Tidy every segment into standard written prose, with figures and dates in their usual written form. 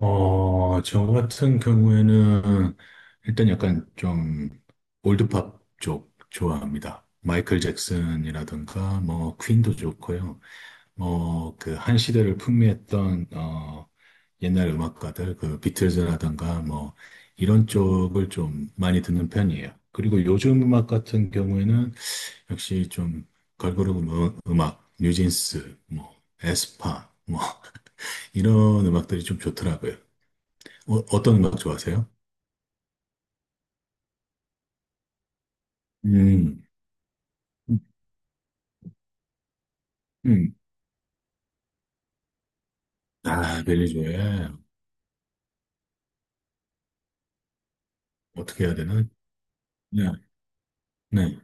저 같은 경우에는 일단 약간 좀 올드팝 쪽 좋아합니다. 마이클 잭슨이라든가 뭐 퀸도 좋고요. 뭐 그 한 시대를 풍미했던 옛날 음악가들, 그 비틀즈라든가 뭐 이런 쪽을 좀 많이 듣는 편이에요. 그리고 요즘 음악 같은 경우에는 역시 좀 걸그룹 음악, 뉴진스, 뭐 에스파, 뭐 이런 음악들이 좀 좋더라고요. 어떤 음악 좋아하세요? 음, 음, 음. 아, 벨리조에. 어떻게 해야 되나? 네, 네.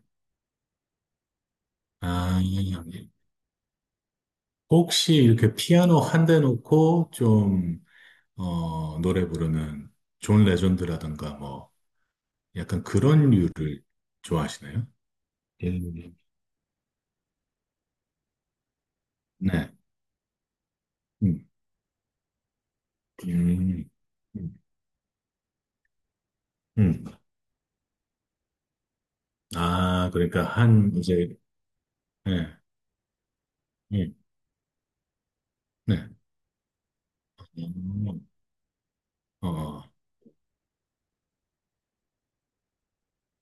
아, 혹시 이렇게 피아노 한 대 놓고 좀, 노래 부르는 존 레전드라든가 뭐, 약간 그런 류를 좋아하시나요? 음, 네. 음, 음, 음. 음. 아, 그러니까 한, 이제, 네, 네, 네. 음, 어, 어.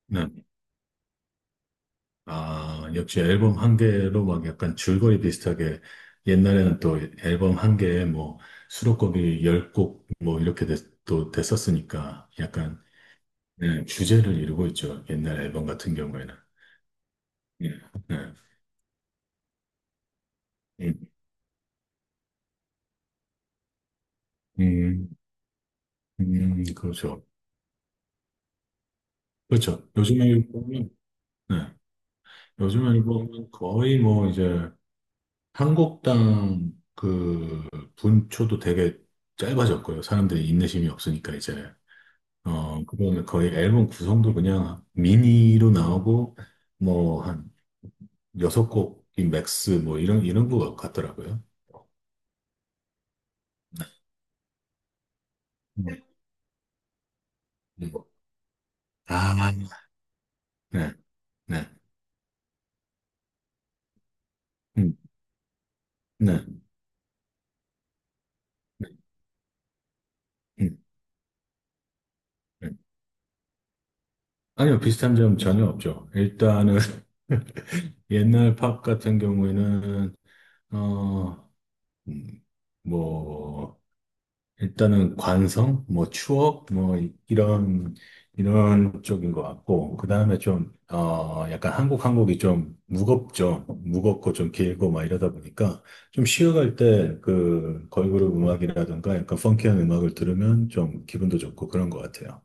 네. 아, 역시 앨범 한 개로 막 약간 줄거리 비슷하게 옛날에는 또 앨범 한 개에 뭐 수록곡이 열 곡 뭐 이렇게 또 됐었으니까 약간, 네, 주제를 이루고 있죠. 옛날 앨범 같은 경우에는. 예, 네. 음, 음, 그렇죠. 그렇죠. 요즘에 보면, 네. 요즘에 보면 거의 뭐 이제 한 곡당 그 분초도 되게 짧아졌고요. 사람들이 인내심이 없으니까 이제. 그거는 거의 앨범 구성도 그냥 미니로 나오고, 뭐, 한 여섯 곡이 맥스, 뭐, 이런 거 같더라고요. 네. 네. 아, 네, 네, 음, 네, 네, 음, 네. 아니요, 비슷한 점 전혀 없죠. 일단은, 옛날 팝 같은 경우에는, 어, 음, 뭐, 일단은 관성, 뭐 추억, 뭐 이런 쪽인 것 같고, 그 다음에 좀 약간 한국이 좀 무겁죠. 무겁고 좀 길고 막 이러다 보니까 좀 쉬어갈 때 그 걸그룹 음악이라든가 약간 펑키한 음악을 들으면 좀 기분도 좋고 그런 것 같아요.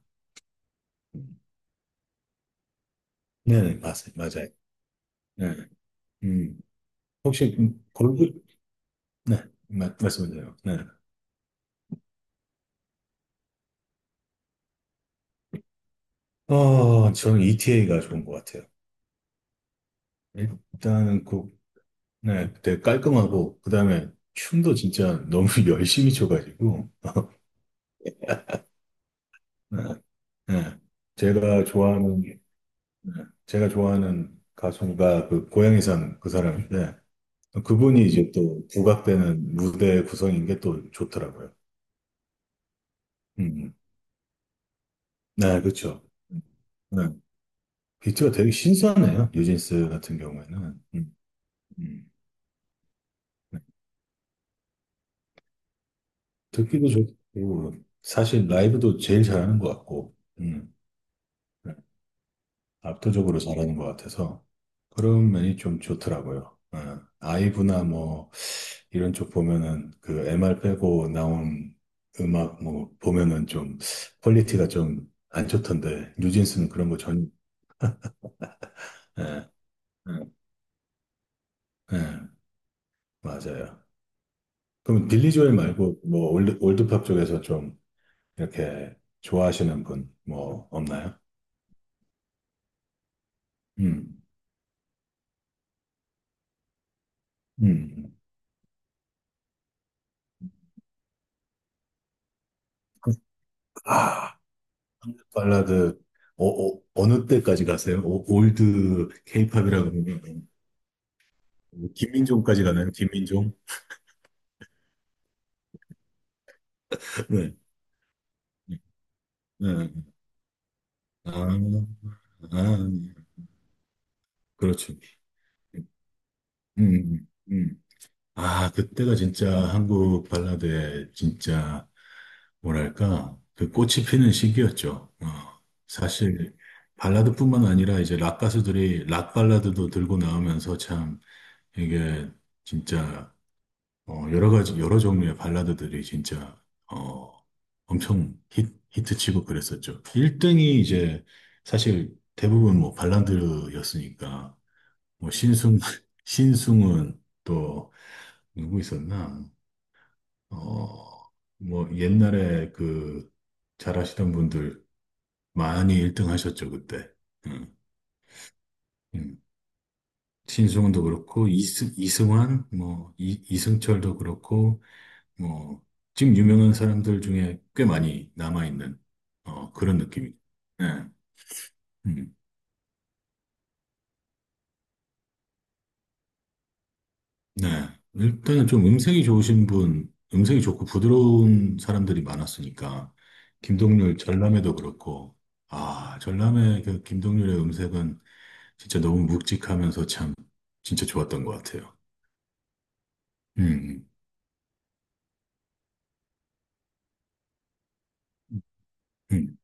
네, 네, 맞아요. 네, 음. 혹시 걸그룹. 네, 말씀하세요. 네, 저는 ETA가 좋은 것 같아요. 일단은 그. 네, 되게 깔끔하고, 그 다음에 춤도 진짜 너무 열심히 춰가지고, 네, 네. 제가 좋아하는, 네, 제가 좋아하는 가수가 그 고양이산 그 사람인데, 그분이 이제 또 부각되는 무대 구성인 게 또 좋더라고요. 음, 음. 네, 그렇죠. 네, 비트가 되게 신선해요, 뉴진스 같은 경우에는. 음. 네. 듣기도 좋고, 사실 라이브도 제일 잘하는 것 같고, 네. 압도적으로 잘하는 것 같아서 그런 면이 좀 좋더라고요. 예. 아이브나 뭐 이런 쪽 보면은 그 MR 빼고 나온 음악 뭐 보면은 좀 퀄리티가 좀 안 좋던데, 뉴진스는 그런 거 전. 예, 예, 예, 맞아요. 그럼 빌리 조엘 말고 뭐 올드팝 쪽에서 좀 이렇게 좋아하시는 분 뭐 없나요? 음, 음, 음. 아. 한국 발라드. 느 때까지 가세요? 올드 케이팝이라 그러면 뭐 김민종까지 가나요? 김민종? 네. 네. 네. 아, 아, 그렇죠. 음, 음. 아, 그때가 진짜 한국 발라드의 진짜 뭐랄까 그 꽃이 피는 시기였죠. 어, 사실 발라드뿐만 아니라 이제 락 가수들이 락 발라드도 들고 나오면서 참 이게 진짜 어, 여러 가지, 여러 종류의 발라드들이 진짜, 어, 엄청 히, 히트치고 그랬었죠. 1등이 이제 사실 대부분 뭐 발라드였으니까. 뭐 신승은 또 누구 있었나? 어, 뭐 옛날에 그 잘하시던 분들 많이 1등 하셨죠, 그때. 음, 음. 신승훈도 그렇고, 이승환, 뭐, 이, 이승철도 그렇고, 뭐 지금 유명한 사람들 중에 꽤 많이 남아있는, 어, 그런 느낌이죠. 네. 음. 네. 일단은 좀 음색이 좋으신 분, 음색이 좋고 부드러운 사람들이 많았으니까. 김동률 전람회도 그렇고, 아, 전람회 그 김동률의 음색은 진짜 너무 묵직하면서 참 진짜 좋았던 것 같아요. 음. 음. 음.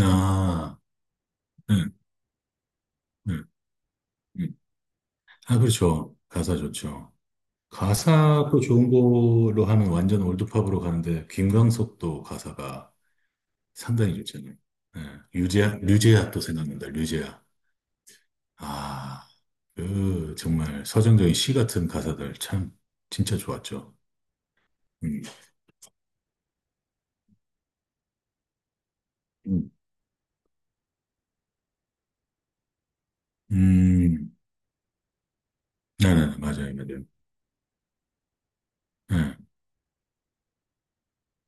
아, 네, 네, 음. 아, 그렇죠. 가사 좋죠. 가사도 좋은 걸로 하면 완전 올드팝으로 가는데 김광석도 가사가 상당히 좋잖아요. 예. 류제아, 류제아 또 생각난다. 류제아. 아, 그 정말 서정적인 시 같은 가사들 참 진짜 좋았죠. 음, 음, 음, 네네, 맞아요, 맞아요. 네,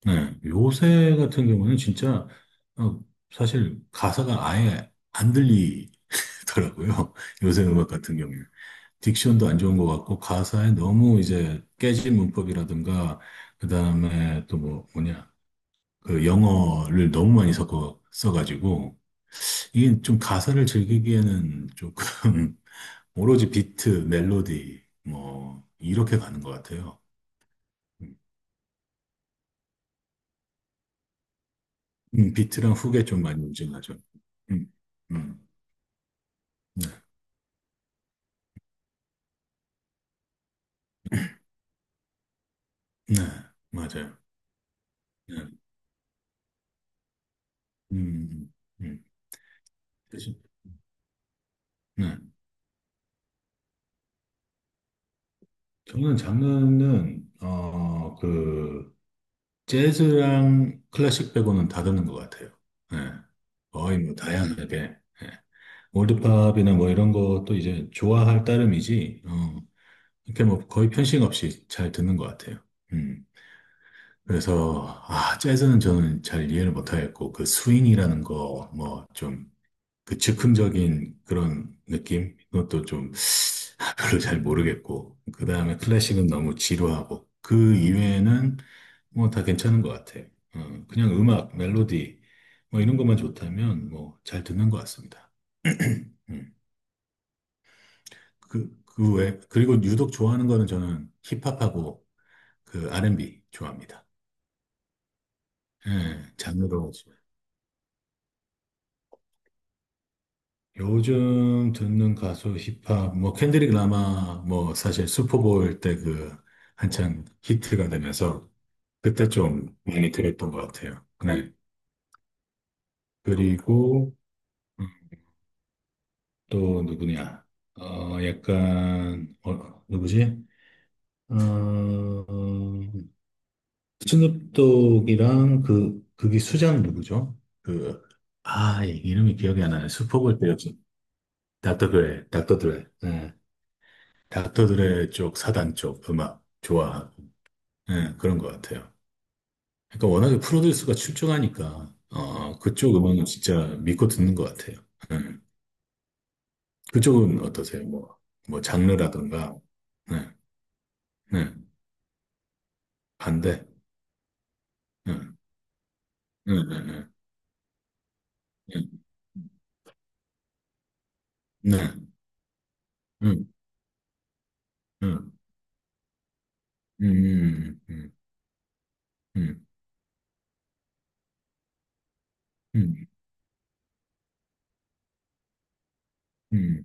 네. 요새 같은 경우는 진짜, 어, 사실 가사가 아예 안 들리더라고요. 요새 음악 같은 경우는. 딕션도 안 좋은 것 같고 가사에 너무 이제 깨진 문법이라든가, 그다음에 또 뭐 뭐냐, 그 영어를 너무 많이 섞어 써가지고, 이게 좀 가사를 즐기기에는 조금 오로지 비트, 멜로디 뭐 이렇게 가는 것 같아요. 음, 비트랑 훅에 좀 많이 움직여죠. 음, 음, 네, 맞아요. 네, 음, 음. 대신, 네. 저는 장르는 어그 재즈랑 클래식 빼고는 다 듣는 것 같아요. 예. 거의 뭐 다양하게. 예. 올드팝이나 뭐 이런 것도 이제 좋아할 따름이지, 어, 이렇게 뭐 거의 편식 없이 잘 듣는 것 같아요. 음. 그래서, 아, 재즈는 저는 잘 이해를 못하겠고, 그 스윙이라는 거, 뭐 좀, 그 즉흥적인 그런 느낌? 그것도 좀 별로 잘 모르겠고, 그 다음에 클래식은 너무 지루하고, 그 이외에는 뭐 다 괜찮은 것 같아. 그냥 음악, 멜로디, 뭐 이런 것만 좋다면 뭐 잘 듣는 것 같습니다. 음, 그, 그 외, 그리고 유독 좋아하는 거는 저는 힙합하고 그 R&B 좋아합니다. 예, 장르로. 요즘 듣는 가수 힙합 뭐 켄드릭 라마. 뭐 사실 슈퍼볼 때 그 한창 히트가 되면서 그때 좀 많이 들었던 것 같아요. 네. 그리고 또 누구냐? 어 약간 어 누구지? 어 스눕독이랑 그 그게 수장 누구죠? 그, 아, 이름이 기억이 안 나네. 슈퍼볼 때였죠. 닥터 드레. 닥터들의 쪽, 사단 쪽 음악 좋아하고, 예, 그런 것 같아요. 그러니까 워낙에 프로듀스가 출중하니까, 어, 그쪽 음악은 진짜 믿고 듣는 것 같아요. 예. 그쪽은 어떠세요? 뭐, 뭐, 장르라든가, 네, 네, 반대, 네, 네, 네, 네, 네, 네, 네, 음, 음, 음, 음, 음,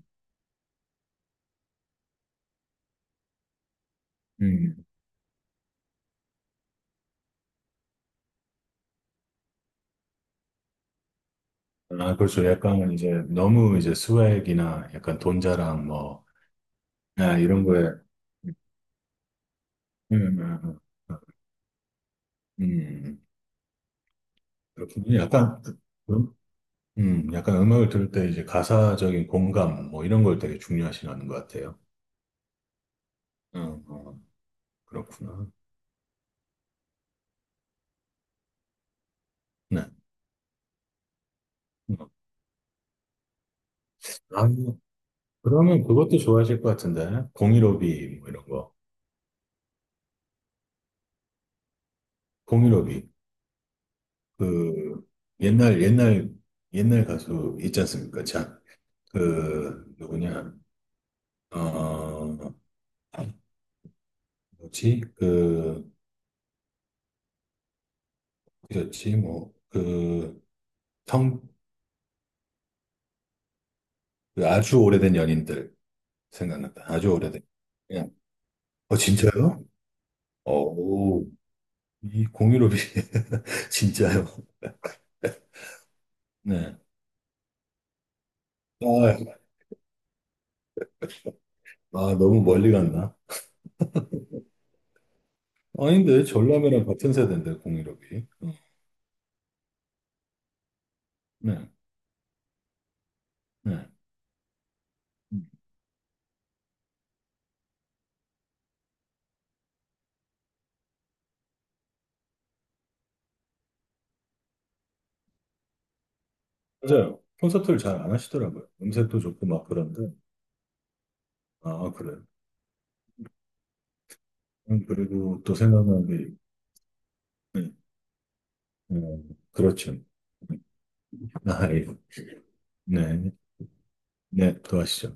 음. 아, 그렇죠. 약간 이제 너무 이제 스웩이나 약간 돈 자랑 뭐, 아, 이런 거에, 음, 음. 음, 그렇군요. 약간, 음, 약간 음악을 들을 때 이제 가사적인 공감, 뭐 이런 걸 되게 중요하시는 것 같아요. 어, 그렇구나. 네. 음. 아, 그러면 그것도 좋아하실 것 같은데. 015B, 뭐 이런 거. 015B. 그, 옛날, 옛날, 옛날 가수 있지 않습니까? 참. 그, 누구냐. 어, 뭐지? 그, 그렇지. 뭐, 그, 성, 그 아주 오래된 연인들. 생각난다. 아주 오래된. 그냥. 어, 진짜요? 오, 이 공유롭이. 진짜요? 네. 아, 아, 너무 멀리 갔나? 아닌데, 전람회랑 같은 세대인데, 공유롭이. 어, 네, 네. 음, 맞아요. 콘서트를 잘 안 하시더라고요. 음색도 좋고 막 그런데. 아, 그래요. 그리고 또 생각나는 게, 네. 그렇죠. 음, 아, 예. 네, 네, 또 하시죠.